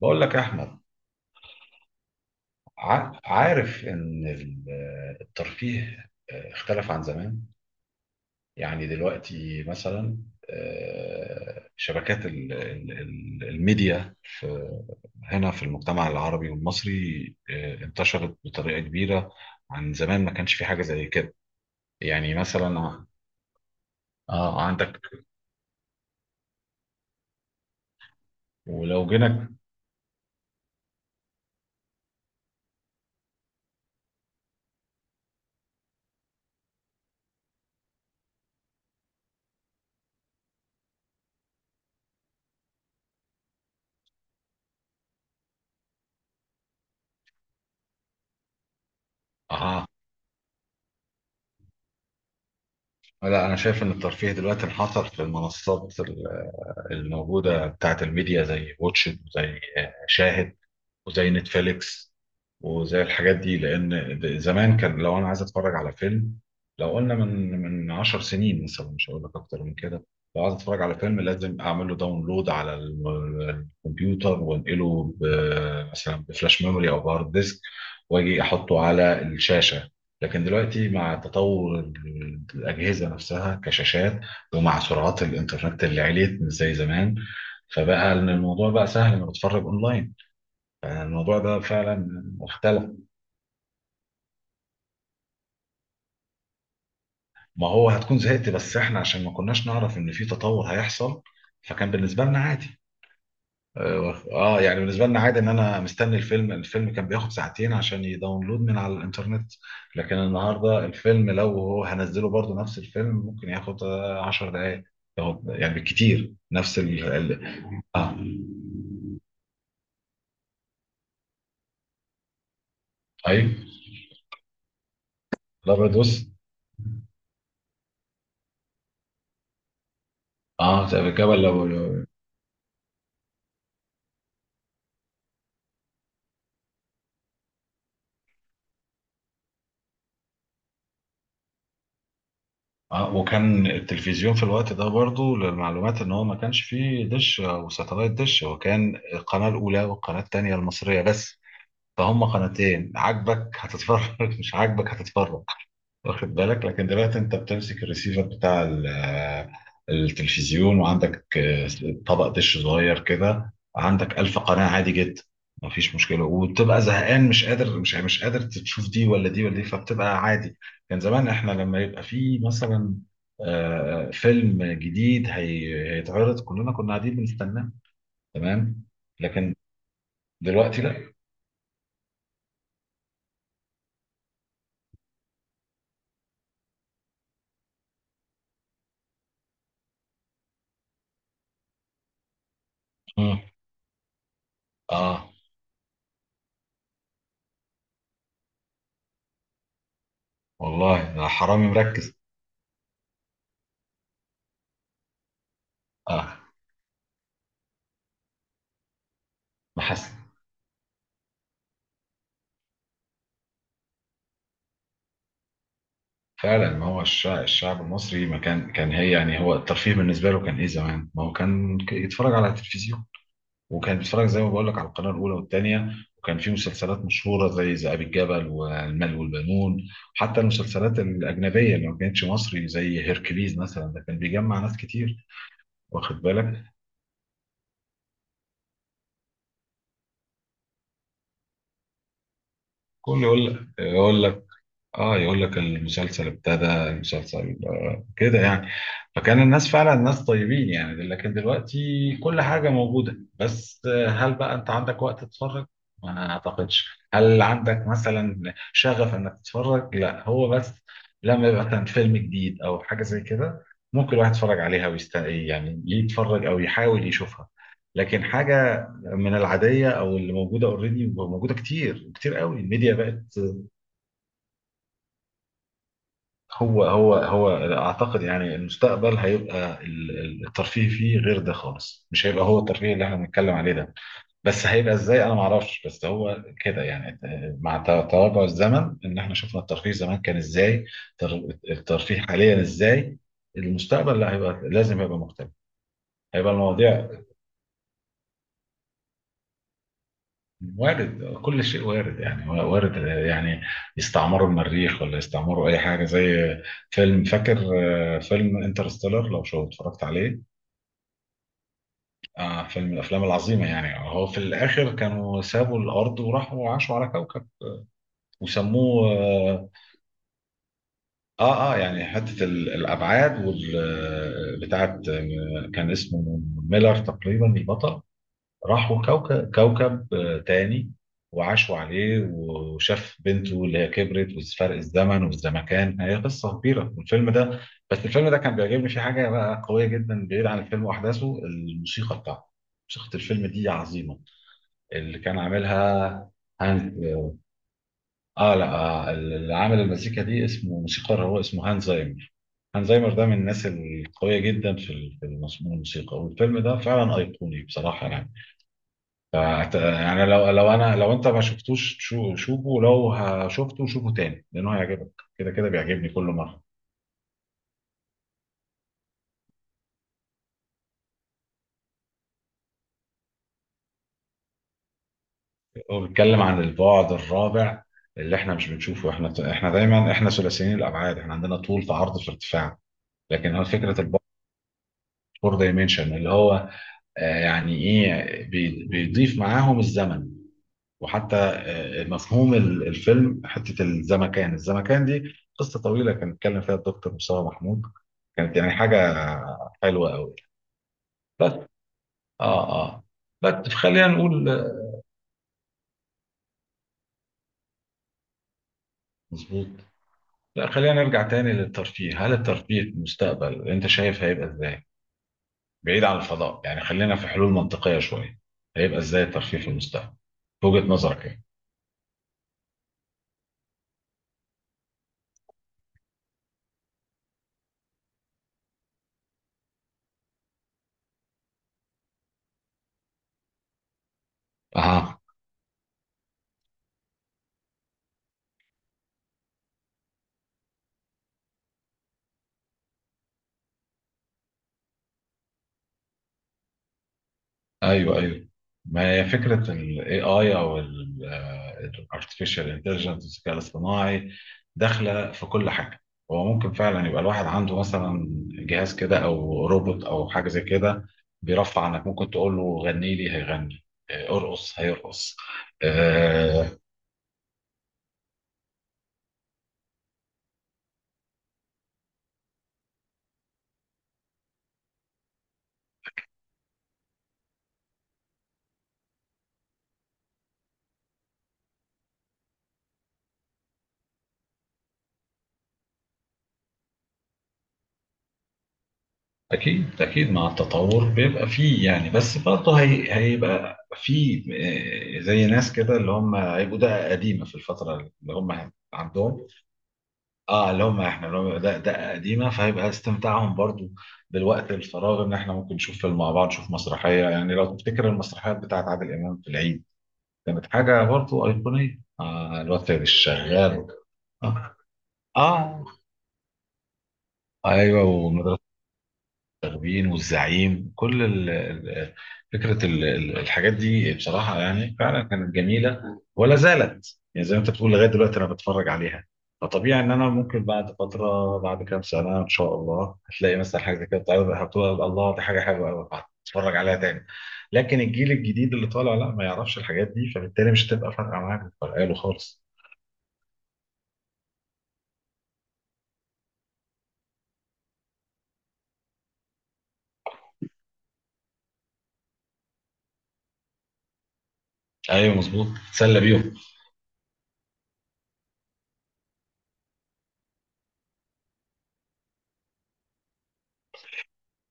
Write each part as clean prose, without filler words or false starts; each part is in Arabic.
بقول لك يا احمد عارف ان الترفيه اختلف عن زمان، يعني دلوقتي مثلا شبكات الميديا في هنا في المجتمع العربي والمصري، انتشرت بطريقة كبيرة عن زمان، ما كانش في حاجة زي كده. يعني مثلا عندك، ولو جينا اه لا، انا شايف ان الترفيه دلوقتي انحصر في المنصات الموجودة بتاعت الميديا، زي واتشد وزي شاهد وزي نتفليكس وزي الحاجات دي، لان زمان كان لو انا عايز اتفرج على فيلم، لو قلنا من 10 سنين مثلا، مش هقول لك اكتر من كده، لو عايز اتفرج على فيلم لازم اعمل له داونلود على الكمبيوتر وانقله مثلا بفلاش ميموري او بهارد ديسك، واجي احطه على الشاشه. لكن دلوقتي مع تطور الاجهزه نفسها كشاشات، ومع سرعات الانترنت اللي عليت مش زي زمان، فبقى إن الموضوع بقى سهل انك تتفرج اونلاين. يعني الموضوع ده فعلا اختلف. ما هو هتكون زهقت، بس احنا عشان ما كناش نعرف ان في تطور هيحصل، فكان بالنسبه لنا عادي. اه، يعني بالنسبه لنا عادي ان انا مستني الفيلم، الفيلم كان بياخد ساعتين عشان يداونلود من على الانترنت، لكن النهارده الفيلم لو هو هنزله برضه نفس الفيلم ممكن ياخد 10 دقائق، ياخد يعني بالكتير نفس اه. ايوه، الابيض وأسود. اه، طب الجبل. اه، وكان التلفزيون في الوقت ده برضو للمعلومات، ان هو ما كانش فيه دش او ساتلايت، دش هو كان القناة الاولى والقناة التانية المصرية بس، فهم قناتين، عاجبك هتتفرج، مش عاجبك هتتفرج، واخد بالك. لكن دلوقتي انت بتمسك الريسيفر بتاع التلفزيون، وعندك طبق دش صغير كده، عندك ألف قناة عادي جدا، مفيش مشكلة، وبتبقى زهقان مش قادر مش قادر تشوف دي ولا دي ولا دي، فبتبقى عادي. كان زمان احنا لما يبقى في مثلا فيلم جديد هيتعرض كلنا كنا قاعدين بنستناه، تمام، لكن دلوقتي لا. مم. اه، والله أنا حرامي مركز. اه، ما حس، فعلا ما هو الشعب المصري ما كان هي يعني هو الترفيه بالنسبه له كان ايه زمان، ما هو كان يتفرج على التلفزيون، وكان بيتفرج زي ما بقول لك على القناه الاولى والثانيه، وكان في مسلسلات مشهوره زي ذئاب الجبل والمال والبنون، وحتى المسلسلات الاجنبيه اللي ما كانتش مصري زي هيركليز مثلا، ده كان بيجمع ناس كتير، واخد بالك. كل يقول لك، اه، يقول لك المسلسل ابتدى المسلسل كده يعني. فكان الناس فعلا ناس طيبين يعني، لكن دلوقتي كل حاجة موجودة، بس هل بقى انت عندك وقت تتفرج؟ ما اعتقدش. هل عندك مثلا شغف انك تتفرج؟ لا، هو بس لما يبقى مثلا فيلم جديد او حاجة زي كده ممكن الواحد يتفرج عليها ويست يعني يتفرج او يحاول يشوفها، لكن حاجة من العادية او اللي موجودة اوريدي، موجودة كتير كتير قوي، الميديا بقت. هو هو هو اعتقد يعني المستقبل هيبقى الترفيه فيه غير ده خالص، مش هيبقى هو الترفيه اللي احنا بنتكلم عليه ده، بس هيبقى ازاي انا ما اعرفش، بس هو كده يعني مع تراجع الزمن ان احنا شفنا الترفيه زمان كان ازاي، الترفيه حاليا ازاي، المستقبل لا، هيبقى لازم يبقى مختلف، هيبقى المواضيع وارد، كل شيء وارد يعني، وارد يعني يستعمروا المريخ ولا يستعمروا اي حاجه زي فيلم، فاكر فيلم انترستيلر لو شو اتفرجت عليه؟ آه، فيلم من الافلام العظيمه يعني، هو في الاخر كانوا سابوا الارض وراحوا عاشوا على كوكب وسموه. اه اه، يعني حته الابعاد وال بتاعت كان اسمه ميلر تقريبا البطل، راحوا كوكب كوكب تاني وعاشوا عليه، وشاف بنته اللي هي كبرت، وفرق الزمن والزمكان، هي قصه كبيره والفيلم ده. بس الفيلم ده كان بيعجبني فيه حاجه بقى قويه جدا، بعيد عن الفيلم واحداثه، الموسيقى بتاعته، موسيقى الفيلم دي عظيمه، اللي كان عاملها هانز. اه لا، اللي عامل المزيكا دي اسمه موسيقار، هو اسمه هانز زايمر. هانز زايمر ده من الناس القويه جدا في في الموسيقى، والفيلم ده فعلا ايقوني بصراحه يعني. يعني لو انت ما شفتوش، شوفه، لو شفته شوفه تاني لانه هيعجبك، كده كده بيعجبني كل مره. هو بيتكلم عن البعد الرابع اللي احنا مش بنشوفه، احنا دايما ثلاثيين الابعاد، احنا عندنا طول في عرض في ارتفاع، لكن هو فكره البعد فور دايمنشن اللي هو يعني ايه بيضيف معاهم الزمن، وحتى مفهوم الفيلم حته الزمكان، الزمكان دي قصه طويله كان اتكلم فيها الدكتور مصطفى محمود، كانت يعني حاجه حلوه قوي. بس، اه اه، بس خلينا نقول مظبوط. لا، خلينا نرجع تاني للترفيه، هل الترفيه في المستقبل انت شايف هيبقى ازاي بعيد عن الفضاء يعني، خلينا في حلول منطقيه شويه، هيبقى ازاي الترفيه في المستقبل في وجهه نظرك ايه؟ اها، ايوه ايوه، ما هي فكره ال AI او ال Artificial Intelligence الذكاء الاصطناعي داخله في كل حاجه، هو ممكن فعلا يبقى الواحد عنده مثلا جهاز كده او روبوت او حاجه زي كده، بيرفع عنك، ممكن تقول له غني لي هيغني، ارقص هيرقص. آه، اكيد اكيد، مع التطور بيبقى فيه يعني، بس برضه هي هيبقى فيه زي ناس كده اللي هم هيبقوا ده قديمه في الفتره اللي هم عندهم. اه، لو ما احنا لو ده قديمه فهيبقى استمتاعهم برضو بالوقت الفراغ ان احنا ممكن نشوف فيلم مع بعض، نشوف مسرحيه يعني، لو تفتكر المسرحيات بتاعت عادل امام في العيد كانت حاجه برضو ايقونيه، آه الوقت الشغال. اه, آه. ايوه. التخبين والزعيم كل فكرة الحاجات دي بصراحة يعني فعلا كانت جميلة ولا زالت يعني، زي ما انت بتقول لغاية دلوقتي انا بتفرج عليها، فطبيعي ان انا ممكن بعد فترة بعد كام سنة ان شاء الله هتلاقي مثلا حاجة زي كده بتعرض هتقول الله دي حاجة حلوة قوي، هتتفرج عليها تاني. لكن الجيل الجديد اللي طالع لا، ما يعرفش الحاجات دي، فبالتالي مش هتبقى فارقة معاه، مش فارقة له خالص. ايوه، مظبوط، تسلى بيهم.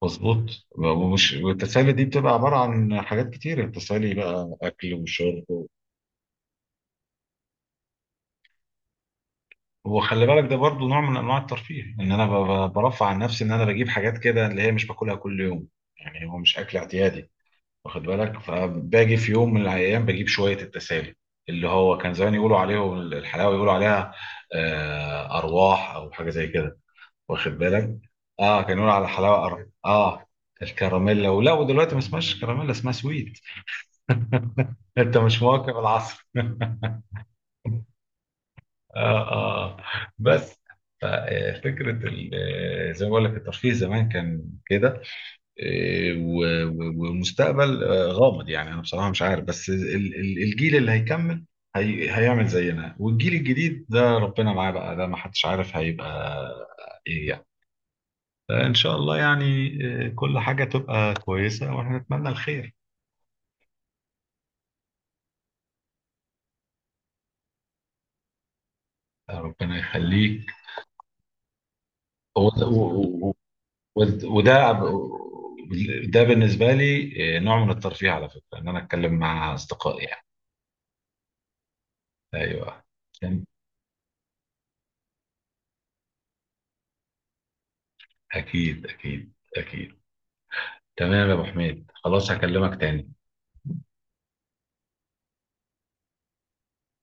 مظبوط، ومش والتسالي دي بتبقى عباره عن حاجات كتير، التسالي بقى اكل وشرب و- وخلي بالك ده برضو نوع من انواع الترفيه، ان انا برفع عن نفسي ان انا بجيب حاجات كده اللي هي مش باكلها كل يوم، يعني هو مش اكل اعتيادي، واخد بالك، فباجي في يوم من الايام بجيب شويه التسالي اللي هو كان زمان يقولوا عليه الحلاوه، يقولوا عليها ارواح او حاجه زي كده، واخد بالك. اه، كانوا يقولوا على الحلاوه أر... اه الكراميلا، ولا ودلوقتي ما اسمهاش كراميلا اسمها سويت، انت مش مواكب العصر. اه اه، بس ف- فكرة زي ما بقول لك الترفيه زمان كان كده، و- و- والمستقبل غامض يعني، انا بصراحة مش عارف، بس الجيل اللي هيكمل هيعمل زينا، والجيل الجديد ده ربنا معاه بقى، ده ما حدش عارف هيبقى ايه يعني، فان شاء الله يعني كل حاجة تبقى كويسة، واحنا نتمنى الخير. ربنا يخليك. هو ده بالنسبه لي نوع من الترفيه على فكره، ان انا اتكلم مع اصدقائي يعني. ايوه، أكيد أكيد أكيد أكيد. تمام يا أبو حميد، خلاص هكلمك تاني.